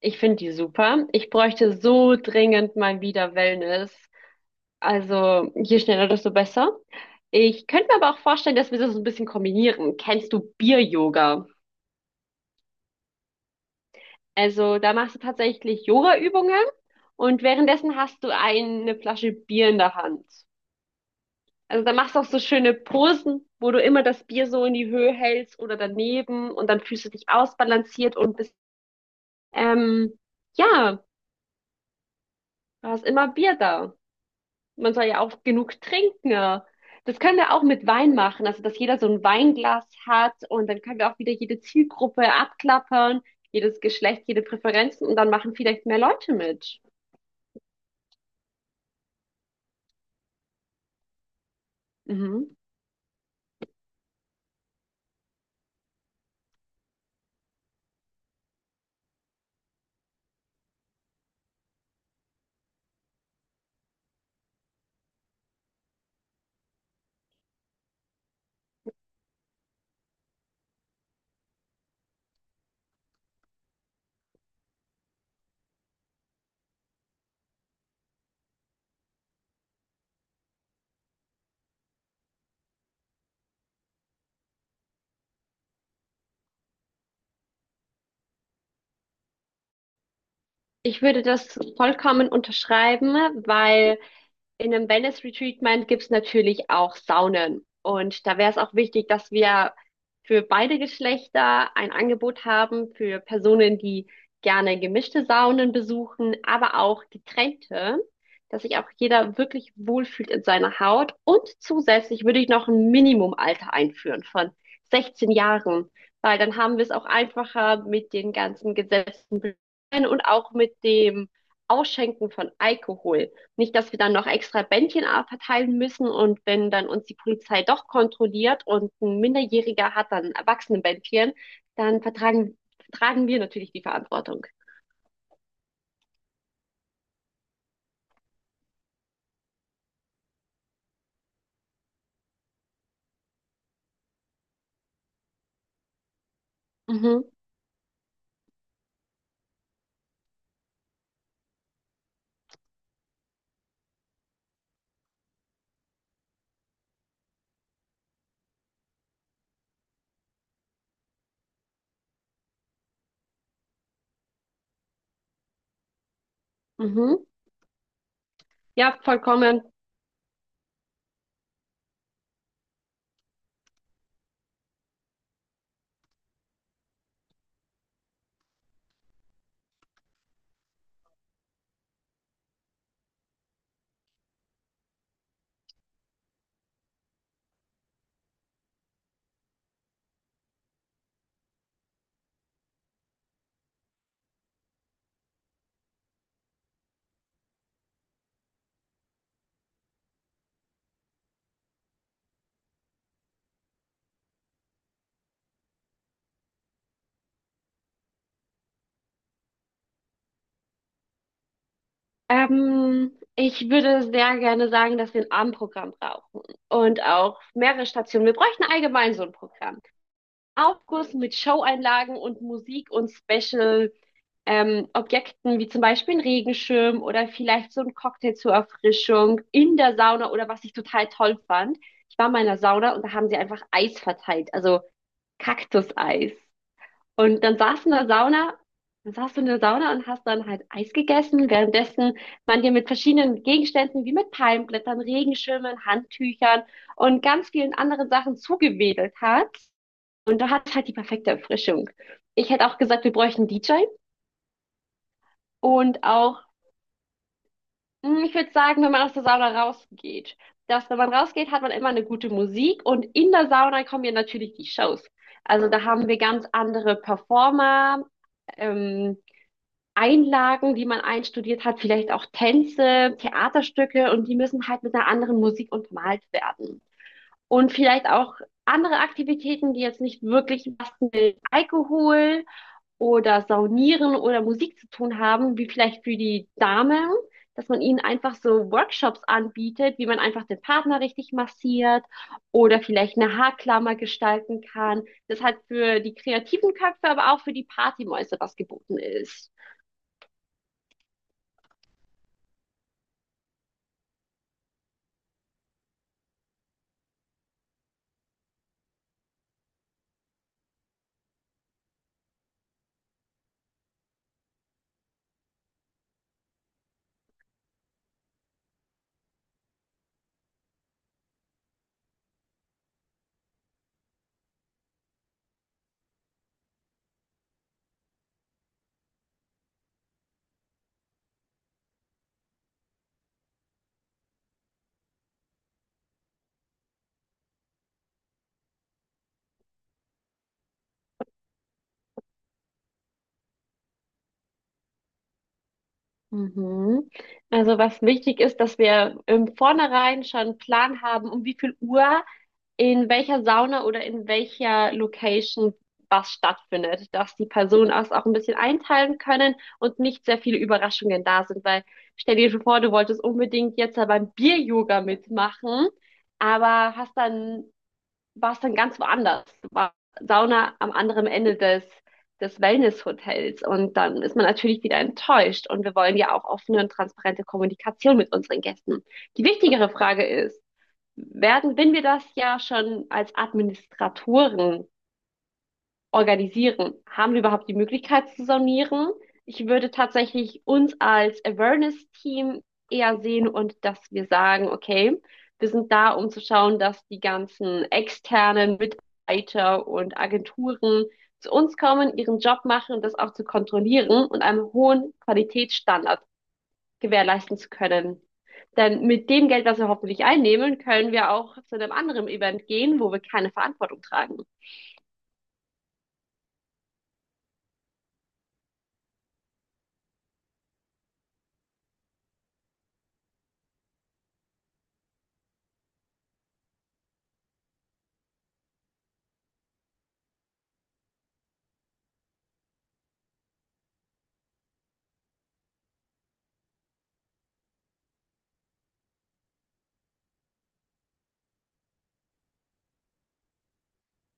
Ich finde die super. Ich bräuchte so dringend mal wieder Wellness. Also je schneller, desto besser. Ich könnte mir aber auch vorstellen, dass wir das so ein bisschen kombinieren. Kennst du Bier-Yoga? Also da machst du tatsächlich Yoga-Übungen und währenddessen hast du eine Flasche Bier in der Hand. Also da machst du auch so schöne Posen, wo du immer das Bier so in die Höhe hältst oder daneben und dann fühlst du dich ausbalanciert und bist, ähm, ja, du hast immer Bier da. Man soll ja auch genug trinken. Das können wir auch mit Wein machen, also dass jeder so ein Weinglas hat und dann können wir auch wieder jede Zielgruppe abklappern, jedes Geschlecht, jede Präferenzen und dann machen vielleicht mehr Leute mit. Mhm. Ich würde das vollkommen unterschreiben, weil in einem Wellness-Retreatment gibt's natürlich auch Saunen. Und da wäre es auch wichtig, dass wir für beide Geschlechter ein Angebot haben, für Personen, die gerne gemischte Saunen besuchen, aber auch getrennte, dass sich auch jeder wirklich wohlfühlt in seiner Haut. Und zusätzlich würde ich noch ein Minimumalter einführen von 16 Jahren, weil dann haben wir es auch einfacher mit den ganzen Gesetzen und auch mit dem Ausschenken von Alkohol. Nicht, dass wir dann noch extra Bändchen verteilen müssen und wenn dann uns die Polizei doch kontrolliert und ein Minderjähriger hat dann ein Erwachsenenbändchen, dann tragen wir natürlich die Verantwortung. Mhm, mhm. Ja, vollkommen. Ich würde sehr gerne sagen, dass wir ein Abendprogramm brauchen und auch mehrere Stationen. Wir bräuchten allgemein so ein Programm. Aufguss mit Showeinlagen und Musik und Special Objekten, wie zum Beispiel ein Regenschirm oder vielleicht so ein Cocktail zur Erfrischung in der Sauna oder was ich total toll fand. Ich war mal in der Sauna und da haben sie einfach Eis verteilt, also Kaktuseis. Und dann saß du in der Sauna, dann saß du in der Sauna und hast dann halt Eis gegessen, währenddessen man dir mit verschiedenen Gegenständen wie mit Palmblättern, Regenschirmen, Handtüchern und ganz vielen anderen Sachen zugewedelt hat. Und da hat halt die perfekte Erfrischung. Ich hätte auch gesagt, wir bräuchten einen DJ und auch, ich würde sagen, wenn man aus der Sauna rausgeht, dass wenn man rausgeht, hat man immer eine gute Musik und in der Sauna kommen ja natürlich die Shows. Also da haben wir ganz andere Performer, ähm, Einlagen, die man einstudiert hat, vielleicht auch Tänze, Theaterstücke und die müssen halt mit einer anderen Musik untermalt werden. Und vielleicht auch andere Aktivitäten, die jetzt nicht wirklich was mit Alkohol oder Saunieren oder Musik zu tun haben, wie vielleicht für die Damen, dass man ihnen einfach so Workshops anbietet, wie man einfach den Partner richtig massiert oder vielleicht eine Haarklammer gestalten kann. Das hat für die kreativen Köpfe, aber auch für die Partymäuse was geboten ist. Mhm. Also was wichtig ist, dass wir im Vornherein schon einen Plan haben, um wie viel Uhr in welcher Sauna oder in welcher Location was stattfindet, dass die Personen das auch ein bisschen einteilen können und nicht sehr viele Überraschungen da sind, weil stell dir vor, du wolltest unbedingt jetzt da beim Bier-Yoga mitmachen, aber warst dann ganz woanders. Du warst Sauna am anderen Ende des Wellness-Hotels und dann ist man natürlich wieder enttäuscht und wir wollen ja auch offene und transparente Kommunikation mit unseren Gästen. Die wichtigere Frage ist, werden, wenn wir das ja schon als Administratoren organisieren, haben wir überhaupt die Möglichkeit zu sonieren? Ich würde tatsächlich uns als Awareness-Team eher sehen und dass wir sagen, okay, wir sind da, um zu schauen, dass die ganzen externen Mitarbeiter und Agenturen zu uns kommen, ihren Job machen und das auch zu kontrollieren und einem hohen Qualitätsstandard gewährleisten zu können. Denn mit dem Geld, was wir hoffentlich einnehmen, können wir auch zu einem anderen Event gehen, wo wir keine Verantwortung tragen.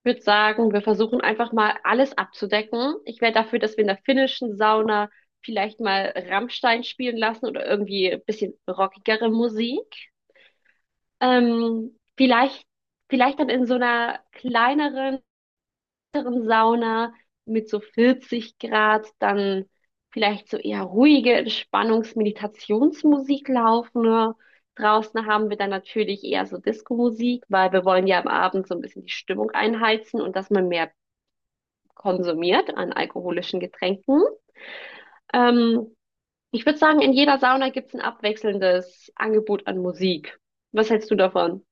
Ich würde sagen, wir versuchen einfach mal alles abzudecken. Ich wäre dafür, dass wir in der finnischen Sauna vielleicht mal Rammstein spielen lassen oder irgendwie ein bisschen rockigere Musik. Ähm, vielleicht, vielleicht dann in so einer kleineren Sauna mit so 40 Grad, dann vielleicht so eher ruhige Entspannungs-Meditationsmusik laufen. Ne? Draußen haben wir dann natürlich eher so Disco-Musik, weil wir wollen ja am Abend so ein bisschen die Stimmung einheizen und dass man mehr konsumiert an alkoholischen Getränken. Ähm, ich würde sagen, in jeder Sauna gibt's ein abwechselndes Angebot an Musik. Was hältst du davon?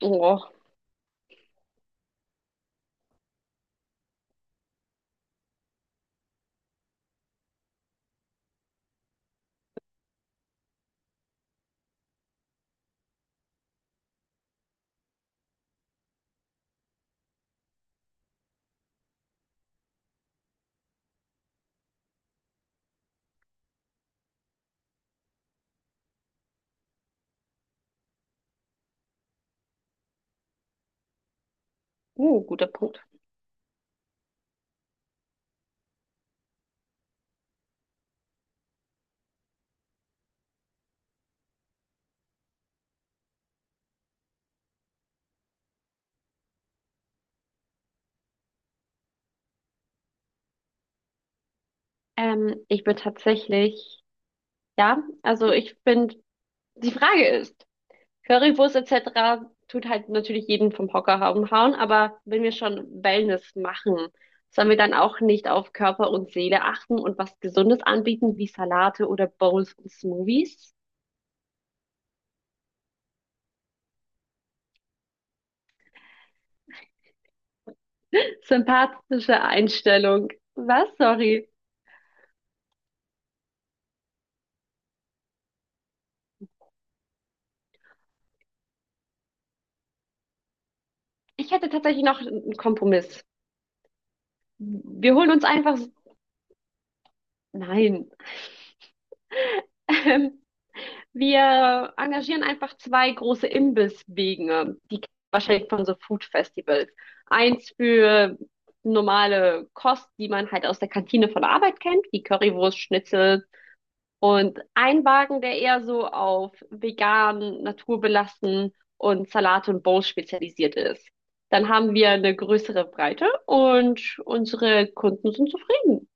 Oh, guter Punkt. Ich bin tatsächlich, ja, also ich bin die Frage ist, Currywurst etc. tut halt natürlich jeden vom Hocker hauen, aber wenn wir schon Wellness machen, sollen wir dann auch nicht auf Körper und Seele achten und was Gesundes anbieten, wie Salate oder Bowls und Smoothies? Sympathische Einstellung. Was? Sorry. Ich hätte tatsächlich noch einen Kompromiss. Wir holen uns einfach... Nein. Wir engagieren einfach zwei große Imbisswege, die kennt man wahrscheinlich von so Food Festivals. Eins für normale Kost, die man halt aus der Kantine von der Arbeit kennt, wie Currywurst, Schnitzel und ein Wagen, der eher so auf vegan, naturbelassen und Salate und Bowls spezialisiert ist. Dann haben wir eine größere Breite und unsere Kunden sind zufrieden.